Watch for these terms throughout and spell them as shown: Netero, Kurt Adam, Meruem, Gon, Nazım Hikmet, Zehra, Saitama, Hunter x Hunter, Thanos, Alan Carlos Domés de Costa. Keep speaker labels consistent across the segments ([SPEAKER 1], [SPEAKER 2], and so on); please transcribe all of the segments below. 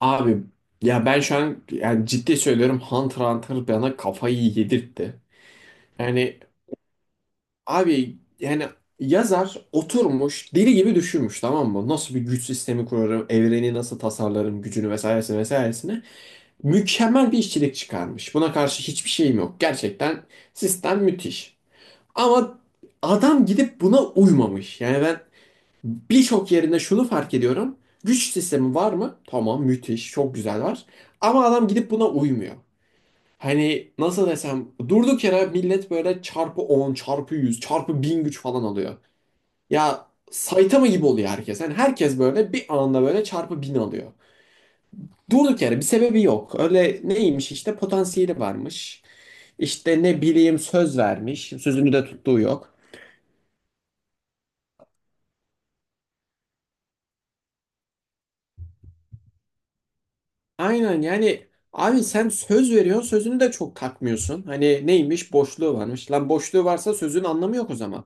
[SPEAKER 1] Abi ya ben şu an yani ciddi söylüyorum Hunter x Hunter bana kafayı yedirtti. Yani abi yani yazar oturmuş deli gibi düşünmüş, tamam mı? Nasıl bir güç sistemi kurarım, evreni nasıl tasarlarım, gücünü vesairesine vesairesine. Mükemmel bir işçilik çıkarmış. Buna karşı hiçbir şeyim yok. Gerçekten sistem müthiş. Ama adam gidip buna uymamış. Yani ben birçok yerinde şunu fark ediyorum. Güç sistemi var mı? Tamam, müthiş, çok güzel var. Ama adam gidip buna uymuyor. Hani nasıl desem, durduk yere millet böyle çarpı 10 çarpı 100 çarpı 1000 güç falan alıyor. Ya Saitama gibi oluyor herkes. Yani herkes böyle bir anda böyle çarpı 1000 alıyor. Durduk yere bir sebebi yok. Öyle neymiş, işte potansiyeli varmış. İşte ne bileyim, söz vermiş. Sözünü de tuttuğu yok. Aynen yani, abi sen söz veriyorsun, sözünü de çok takmıyorsun. Hani neymiş, boşluğu varmış. Lan, boşluğu varsa sözün anlamı yok o zaman.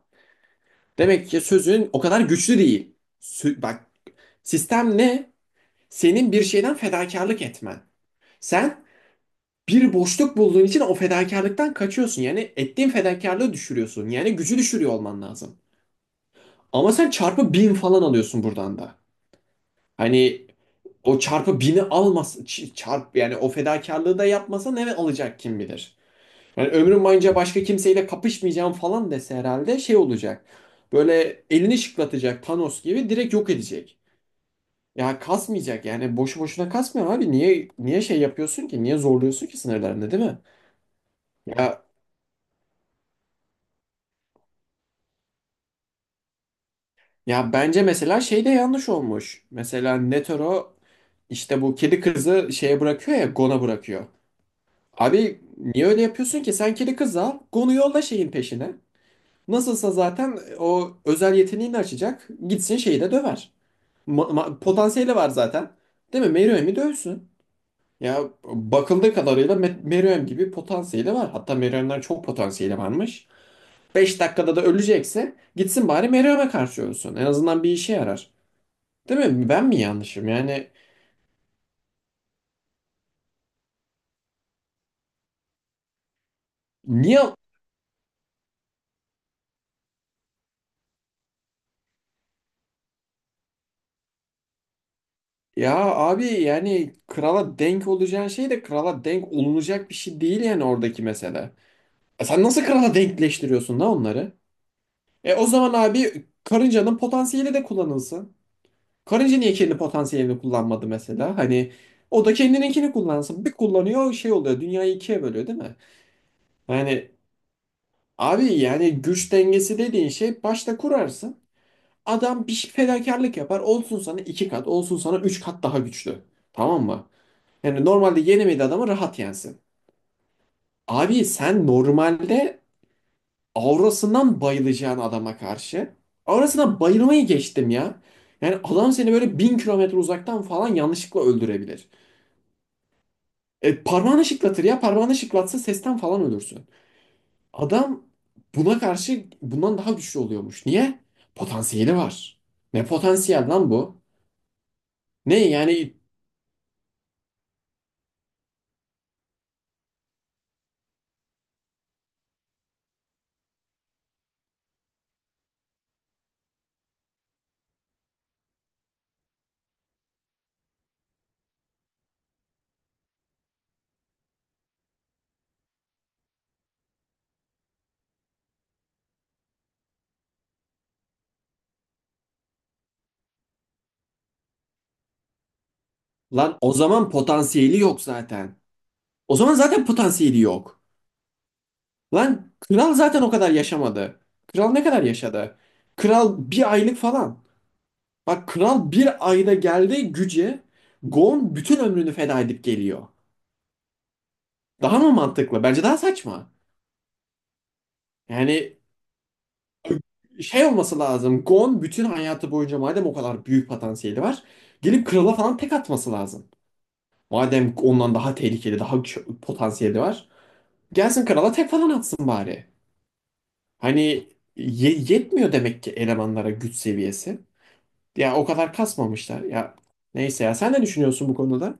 [SPEAKER 1] Demek ki sözün o kadar güçlü değil. Bak, sistem ne? Senin bir şeyden fedakarlık etmen. Sen bir boşluk bulduğun için o fedakarlıktan kaçıyorsun. Yani ettiğin fedakarlığı düşürüyorsun. Yani gücü düşürüyor olman lazım. Ama sen çarpı bin falan alıyorsun buradan da. Hani o çarpı bini almas ç- çarp yani o fedakarlığı da yapmasa ne alacak kim bilir. Yani ömrüm boyunca başka kimseyle kapışmayacağım falan dese herhalde şey olacak. Böyle elini şıklatacak, Thanos gibi direkt yok edecek. Ya kasmayacak yani, boşu boşuna kasmıyor abi. Niye şey yapıyorsun ki? Niye zorluyorsun ki sınırlarını, değil mi? Ya ya bence mesela şey de yanlış olmuş. Mesela Netero işte bu kedi kızı şeye bırakıyor ya, Gon'a bırakıyor. Abi niye öyle yapıyorsun ki? Sen kedi kızı al, Gon'u yolla şeyin peşine. Nasılsa zaten o özel yeteneğini açacak. Gitsin şeyi de döver. Potansiyeli var zaten. Değil mi? Meruem'i dövsün. Ya bakıldığı kadarıyla Meruem gibi potansiyeli var. Hatta Meruem'den çok potansiyeli varmış. 5 dakikada da ölecekse gitsin bari Meruem'e karşı ölsün. En azından bir işe yarar. Değil mi? Ben mi yanlışım? Yani niye, ya abi yani krala denk olacağın şey de krala denk olunacak bir şey değil yani, oradaki mesele. E sen nasıl krala denkleştiriyorsun da onları? E o zaman abi karıncanın potansiyeli de kullanılsın. Karınca niye kendi potansiyelini kullanmadı mesela? Hani o da kendininkini kullansın. Bir kullanıyor şey oluyor. Dünyayı ikiye bölüyor, değil mi? Yani abi yani güç dengesi dediğin şey başta kurarsın. Adam fedakarlık yapar. Olsun sana iki kat, olsun sana üç kat daha güçlü. Tamam mı? Yani normalde yenemediği adamı rahat yensin. Abi sen normalde aurasından bayılacağın adama karşı. Aurasına bayılmayı geçtim ya. Yani adam seni böyle 1.000 kilometre uzaktan falan yanlışlıkla öldürebilir. E, parmağını şıklatır ya. Parmağını şıklatsa sesten falan ölürsün. Adam buna karşı bundan daha güçlü oluyormuş. Niye? Potansiyeli var. Ne potansiyel lan bu? Ne yani, lan o zaman potansiyeli yok zaten. O zaman zaten potansiyeli yok. Lan kral zaten o kadar yaşamadı. Kral ne kadar yaşadı? Kral bir aylık falan. Bak, kral bir ayda geldi güce. Gon bütün ömrünü feda edip geliyor. Daha mı mantıklı? Bence daha saçma. Yani şey olması lazım. Gon bütün hayatı boyunca madem o kadar büyük potansiyeli var, gelip krala falan tek atması lazım. Madem ondan daha tehlikeli, daha ç- potansiyeli var, gelsin krala tek falan atsın bari. Hani yetmiyor demek ki elemanlara güç seviyesi. Ya o kadar kasmamışlar. Ya neyse, ya sen ne düşünüyorsun bu konuda?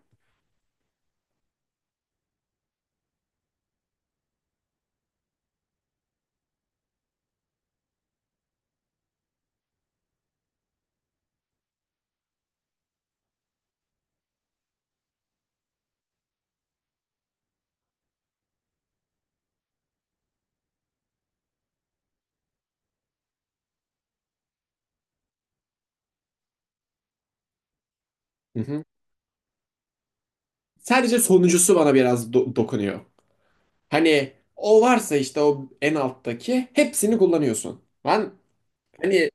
[SPEAKER 1] Hı hı. Sadece sonuncusu bana biraz dokunuyor. Hani o varsa işte o en alttaki hepsini kullanıyorsun. Ben hani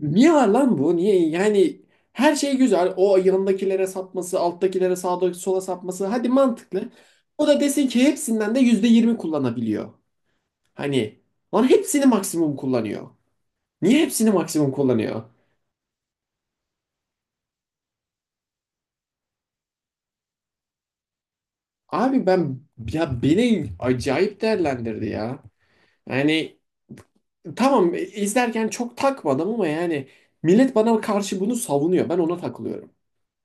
[SPEAKER 1] Niye var lan bu? Niye? Yani her şey güzel. O yanındakilere sapması, alttakilere sağa sola sapması. Hadi, mantıklı. O da desin ki hepsinden de %20 kullanabiliyor. Hani lan hepsini maksimum kullanıyor. Niye hepsini maksimum kullanıyor? Abi ben, ya beni acayip değerlendirdi ya. Yani tamam, izlerken çok takmadım ama yani millet bana karşı bunu savunuyor. Ben ona takılıyorum.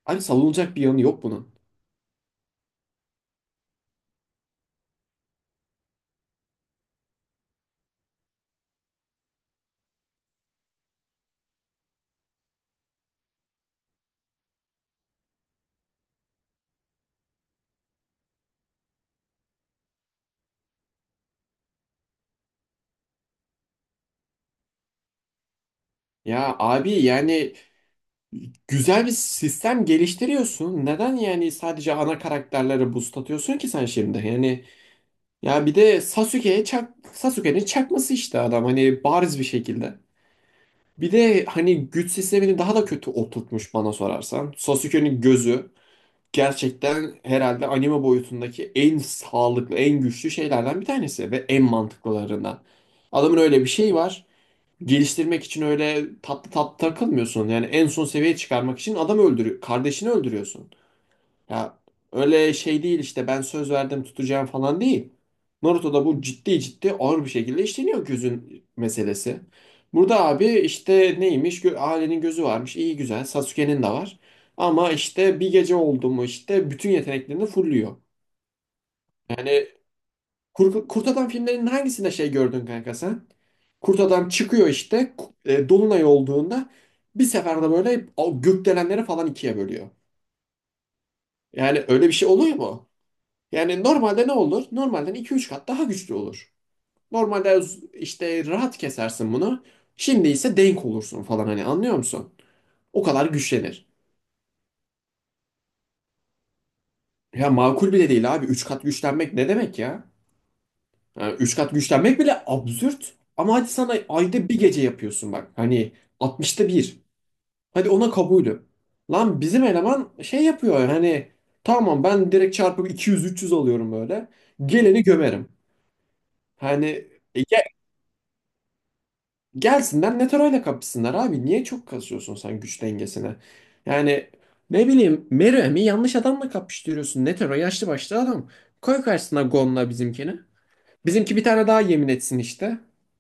[SPEAKER 1] Abi savunulacak bir yanı yok bunun. Ya abi yani güzel bir sistem geliştiriyorsun. Neden yani sadece ana karakterlere boost atıyorsun ki sen şimdi? Yani ya bir de Sasuke'ye çak, Sasuke'nin çakması işte adam hani bariz bir şekilde. Bir de hani güç sistemini daha da kötü oturtmuş bana sorarsan. Sasuke'nin gözü gerçekten herhalde anime boyutundaki en sağlıklı, en güçlü şeylerden bir tanesi ve en mantıklılarından. Adamın öyle bir şeyi var, geliştirmek için öyle tatlı tatlı takılmıyorsun. Yani en son seviyeye çıkarmak için adam öldürüyor. Kardeşini öldürüyorsun. Ya öyle şey değil işte, ben söz verdim tutacağım falan değil. Naruto'da bu ciddi ciddi ağır bir şekilde işleniyor gözün meselesi. Burada abi işte neymiş? Ailenin gözü varmış. İyi güzel. Sasuke'nin de var. Ama işte bir gece oldu mu işte bütün yeteneklerini fulluyor. Kurt Adam filmlerinin hangisinde şey gördün kanka sen? Kurt Adam çıkıyor işte Dolunay olduğunda bir seferde böyle o gökdelenleri falan ikiye bölüyor. Yani öyle bir şey oluyor mu? Yani normalde ne olur? Normalden iki üç kat daha güçlü olur. Normalde işte rahat kesersin bunu. Şimdi ise denk olursun falan, hani anlıyor musun? O kadar güçlenir. Ya makul bile değil abi. Üç kat güçlenmek ne demek ya? Yani üç kat güçlenmek bile absürt. Ama hadi sana ayda bir gece yapıyorsun bak. Hani 60'ta bir. Hadi ona kabulü. Lan bizim eleman şey yapıyor, hani tamam ben direkt çarpı 200-300 alıyorum böyle. Geleni gömerim. Hani e, ge- gelsinler Netaro'yla kapışsınlar abi. Niye çok kasıyorsun sen güç dengesine? Yani ne bileyim Meruem'i yanlış adamla kapıştırıyorsun. Netero yaşlı başlı adam. Koy karşısına Gon'la bizimkini. Bizimki bir tane daha yemin etsin işte.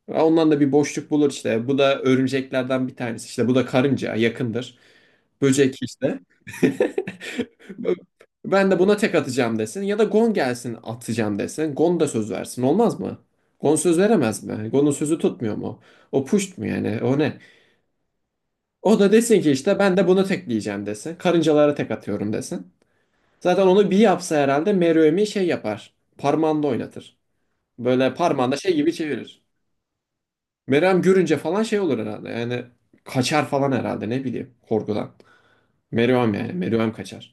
[SPEAKER 1] Ondan da bir boşluk bulur işte. Bu da örümceklerden bir tanesi işte. Bu da karınca yakındır. Böcek işte. Ben de buna tek atacağım desin. Ya da Gon gelsin atacağım desin. Gon da söz versin. Olmaz mı? Gon söz veremez mi? Gon'un sözü tutmuyor mu? O puşt mu yani? O ne? O da desin ki işte, ben de bunu tekleyeceğim desin. Karıncalara tek atıyorum desin. Zaten onu bir yapsa herhalde Meruem'i şey yapar. Parmağında oynatır. Böyle parmağında şey gibi çevirir. Meryem görünce falan şey olur herhalde. Yani kaçar falan herhalde, ne bileyim, korkudan. Meryem yani Meryem kaçar.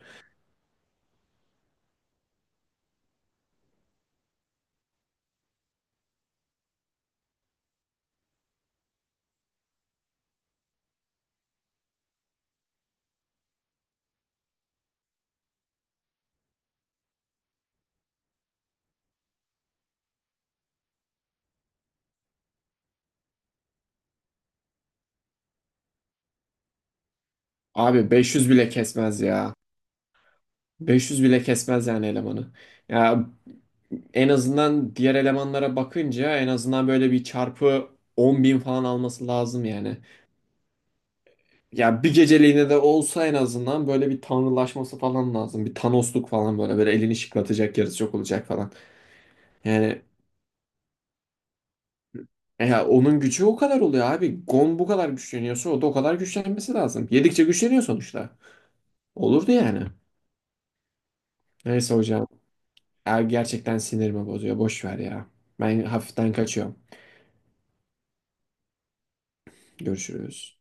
[SPEAKER 1] Abi 500 bile kesmez ya. 500 bile kesmez yani elemanı. Ya en azından diğer elemanlara bakınca en azından böyle bir çarpı 10 bin falan alması lazım yani. Ya bir geceliğine de olsa en azından böyle bir tanrılaşması falan lazım. Bir Thanos'luk falan, böyle böyle elini şıklatacak yarısı çok olacak falan. Yani, e ya onun gücü o kadar oluyor abi. Gon bu kadar güçleniyorsa o da o kadar güçlenmesi lazım. Yedikçe güçleniyor sonuçta. Olurdu yani. Neyse hocam. Ya gerçekten sinirimi bozuyor. Boş ver ya. Ben hafiften kaçıyorum. Görüşürüz.